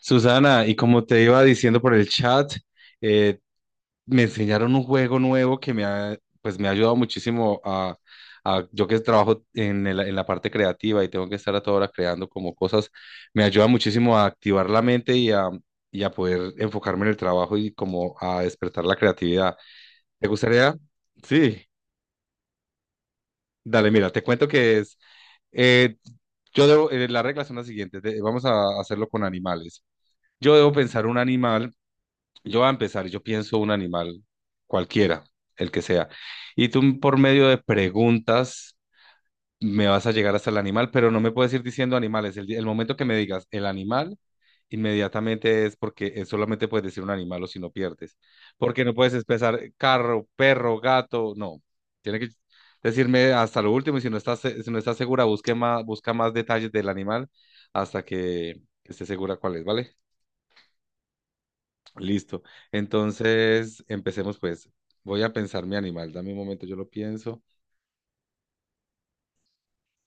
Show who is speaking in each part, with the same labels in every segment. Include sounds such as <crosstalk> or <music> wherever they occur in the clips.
Speaker 1: Susana, y como te iba diciendo por el chat, eh, me enseñaron un juego nuevo que me ha, pues me ha ayudado muchísimo a, yo que trabajo en, en la parte creativa y tengo que estar a toda hora creando como cosas, me ayuda muchísimo a activar la mente y a poder enfocarme en el trabajo y como a despertar la creatividad. ¿Te gustaría? Sí, dale, mira, te cuento que es, eh, yo debo, las reglas son las siguientes, vamos a hacerlo con animales. Yo debo pensar un animal. Yo voy a empezar, yo pienso un animal, cualquiera, el que sea. Y tú por medio de preguntas me vas a llegar hasta el animal, pero no me puedes ir diciendo animales. El, el momento que me digas el animal, inmediatamente es porque solamente puedes decir un animal o si no pierdes. Porque no puedes empezar carro, perro, gato, no. Tiene que decirme hasta lo último y si no estás, si no estás segura, busque más, busca más detalles del animal hasta que esté segura cuál es, ¿vale? Listo. Entonces, empecemos pues. Voy a pensar mi animal. Dame un momento, yo lo pienso.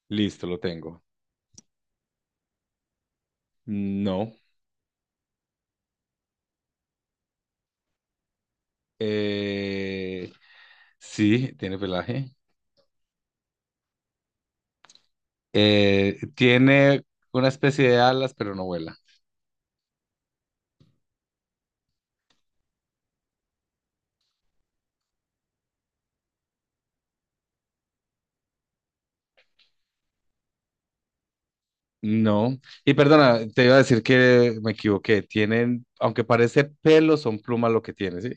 Speaker 1: Listo, lo tengo. No. Eh, sí, tiene pelaje. Tiene una especie de alas, pero no vuela. No. Y perdona, te iba a decir que me equivoqué. Tienen, aunque parece pelo, son plumas lo que tiene, ¿sí?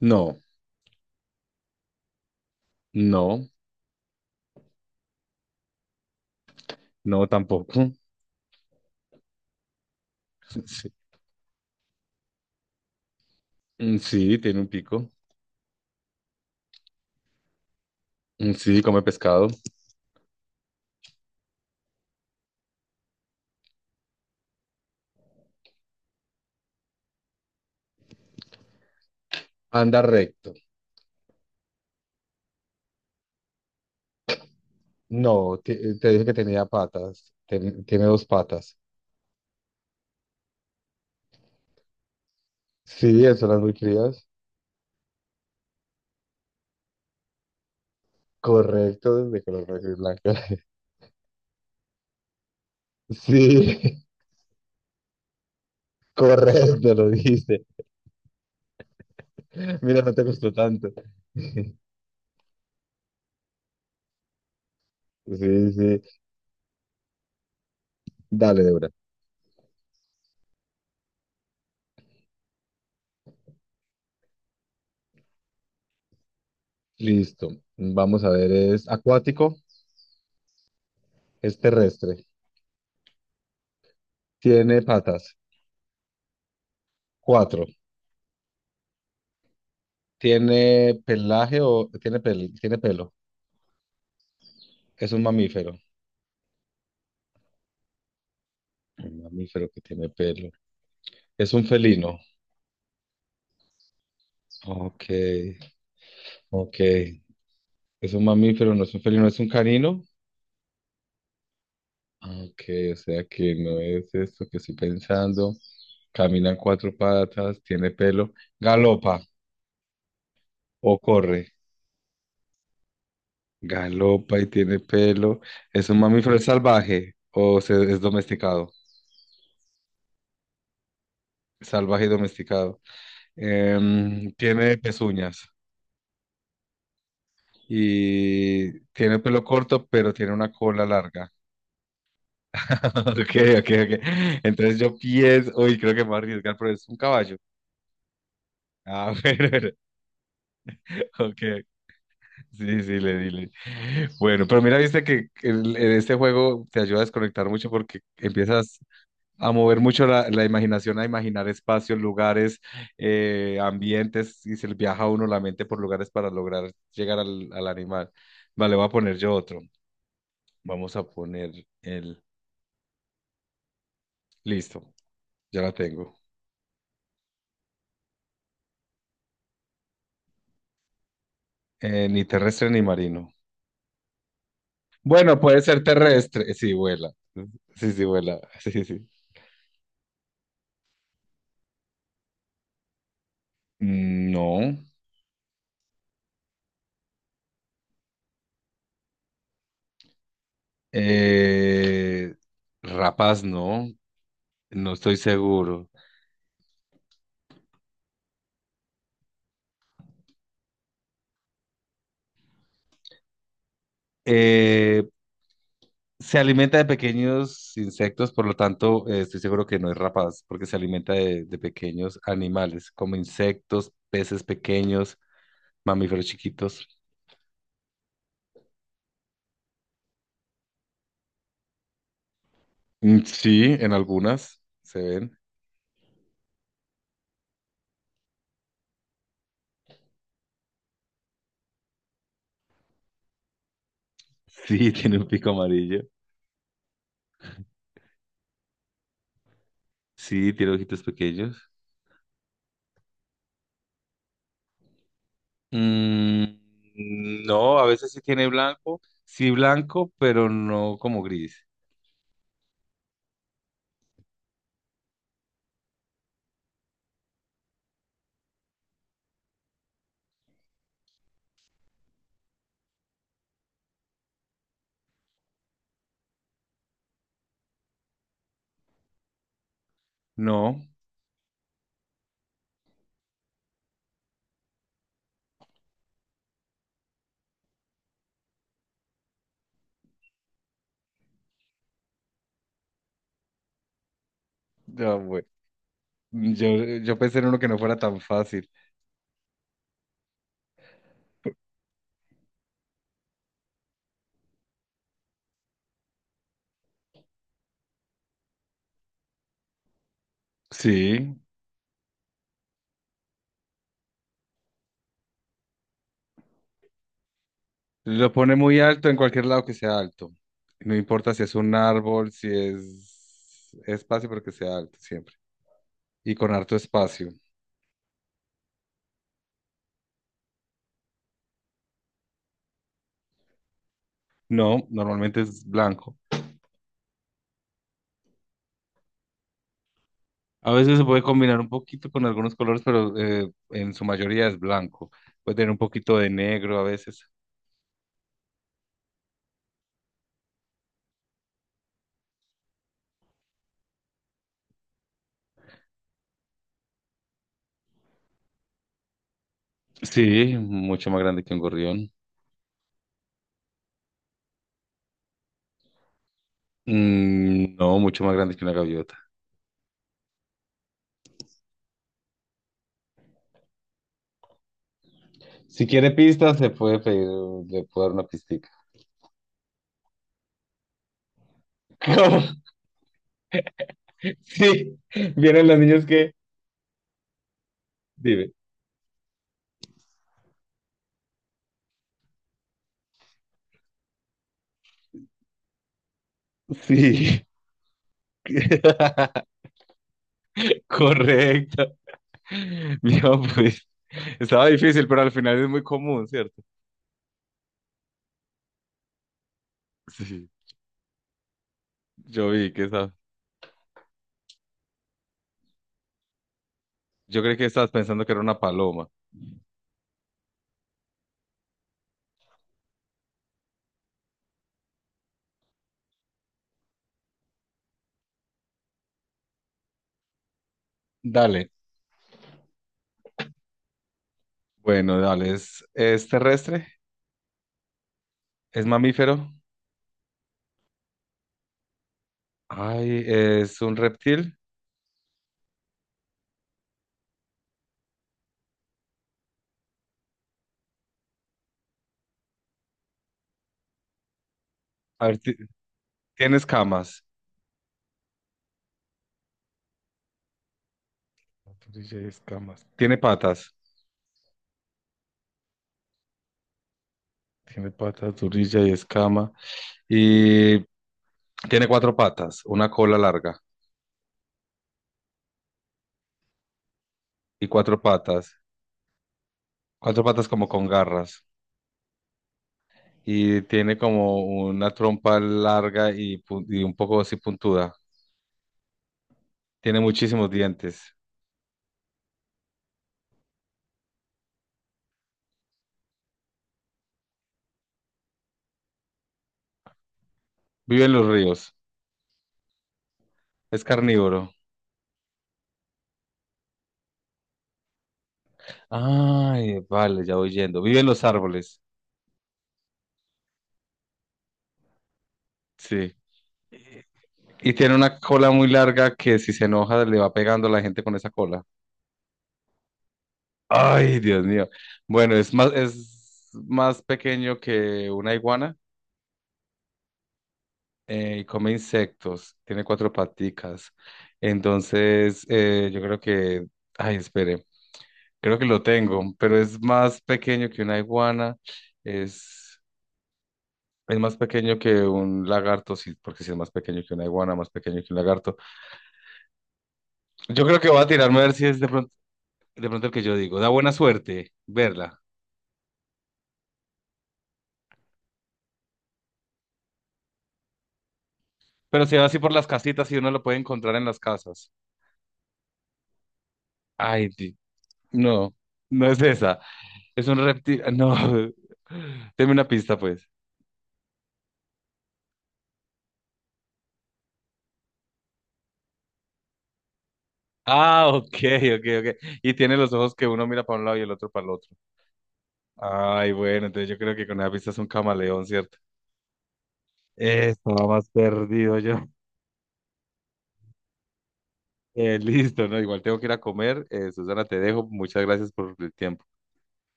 Speaker 1: No, no, no tampoco. <laughs> Sí. Mm, sí, tiene un pico. Mm, sí, come pescado. Anda recto. No, te, te dije que tenía patas. Tiene dos patas. Sí, eso las muy crías. Correcto, de color negro y blanco. <laughs> Sí, <laughs> correcto, lo dijiste. Mira, no te costó tanto. <laughs> Sí, sí. Dale, Débora. Listo. Vamos a ver, es acuático, es terrestre. Tiene patas. Cuatro. Tiene pelaje o tiene tiene pelo. Es un mamífero. Un mamífero que tiene pelo. Es un felino. Ok, ok. Es un mamífero, no es un felino, es un canino. Ah, ok, o sea que no es esto que estoy pensando. Camina en cuatro patas, tiene pelo, galopa o corre. Galopa y tiene pelo. Es un mamífero, es salvaje o es domesticado. Salvaje y domesticado. Em, tiene pezuñas y tiene pelo corto, pero tiene una cola larga. <laughs> Ok, ok, ok. Entonces yo pienso, uy, creo que me voy a arriesgar, pero es un caballo. Ah, <laughs> bueno, bueno, ok. Sí, sí, le dile. Bueno, pero mira, viste que en este juego te ayuda a desconectar mucho porque empiezas a mover mucho la, la imaginación, a imaginar espacios, lugares, ambientes, y se le viaja a uno la mente por lugares para lograr llegar al, al animal. Vale, voy a poner yo otro. Vamos a poner el... Listo, ya la tengo. Ni terrestre ni marino. Bueno, puede ser terrestre. Sí, vuela. Sí, sí, vuela. <laughs> Sí, sí, sí. No. Eh, rapaz, no. No estoy seguro. Eh, se alimenta de pequeños insectos, por lo tanto, estoy seguro que no es rapaz, porque se alimenta de pequeños animales, como insectos, peces pequeños, mamíferos chiquitos. Mm, sí, en algunas se ven. Sí, <laughs> tiene un pico amarillo. Sí, tiene ojitos pequeños. Mm, no, a veces sí tiene blanco, sí blanco, pero no como gris. No, no, bueno, yo, yo pensé en uno que no fuera tan fácil. Sí, lo pone muy alto en cualquier lado que sea alto. No importa si es un árbol, si es espacio, pero que sea alto siempre. Y con harto espacio. No, normalmente es blanco. A veces se puede combinar un poquito con algunos colores, pero en su mayoría es blanco. Puede tener un poquito de negro a veces. Sí, mucho más grande que un gorrión. Mm, no, mucho más grande que una gaviota. Si quiere pistas, se puede pedir, le puedo dar una pistica. <laughs> ¿Cómo? Sí, vienen los niños que... Dime. Sí. <laughs> Correcto. Mira, pues estaba difícil, pero al final es muy común, ¿cierto? Sí, yo vi que estaba. Yo creí que estabas pensando que era una paloma. Dale. Bueno, dale, es terrestre, es mamífero, ay, es un reptil, a ver, tiene escamas, turilla y escamas, tiene patas, turilla y escama, y tiene cuatro patas, una cola larga y cuatro patas como con garras, y tiene como una trompa larga y, y un poco así puntuda, tiene muchísimos dientes, vive en los ríos, es carnívoro, ay, vale, ya voy yendo, vive en los árboles. Sí. Y tiene una cola muy larga que si se enoja le va pegando a la gente con esa cola. Ay, Dios mío. Bueno, es más pequeño que una iguana y come insectos. Tiene cuatro paticas. Entonces, yo creo que, ay, espere, creo que lo tengo, pero es más pequeño que una iguana. Es, es más pequeño que un lagarto, sí, porque si es más pequeño que una iguana, más pequeño que un lagarto. Yo creo que voy a tirarme a ver si es de pronto. De pronto el que yo digo, da buena suerte verla. Pero se va así por las casitas y uno lo puede encontrar en las casas. Ay, no, no es esa. Es un reptil. Ah, no, <laughs> deme una pista, pues. Ah, ok, ok, ok. Y tiene los ojos que uno mira para un lado y el otro para el otro. Ay, bueno, entonces yo creo que con esa pista es un camaleón, ¿cierto? Estaba más perdido yo. <laughs> Listo, ¿no? Igual tengo que ir a comer. Susana, te dejo. Muchas gracias por el tiempo.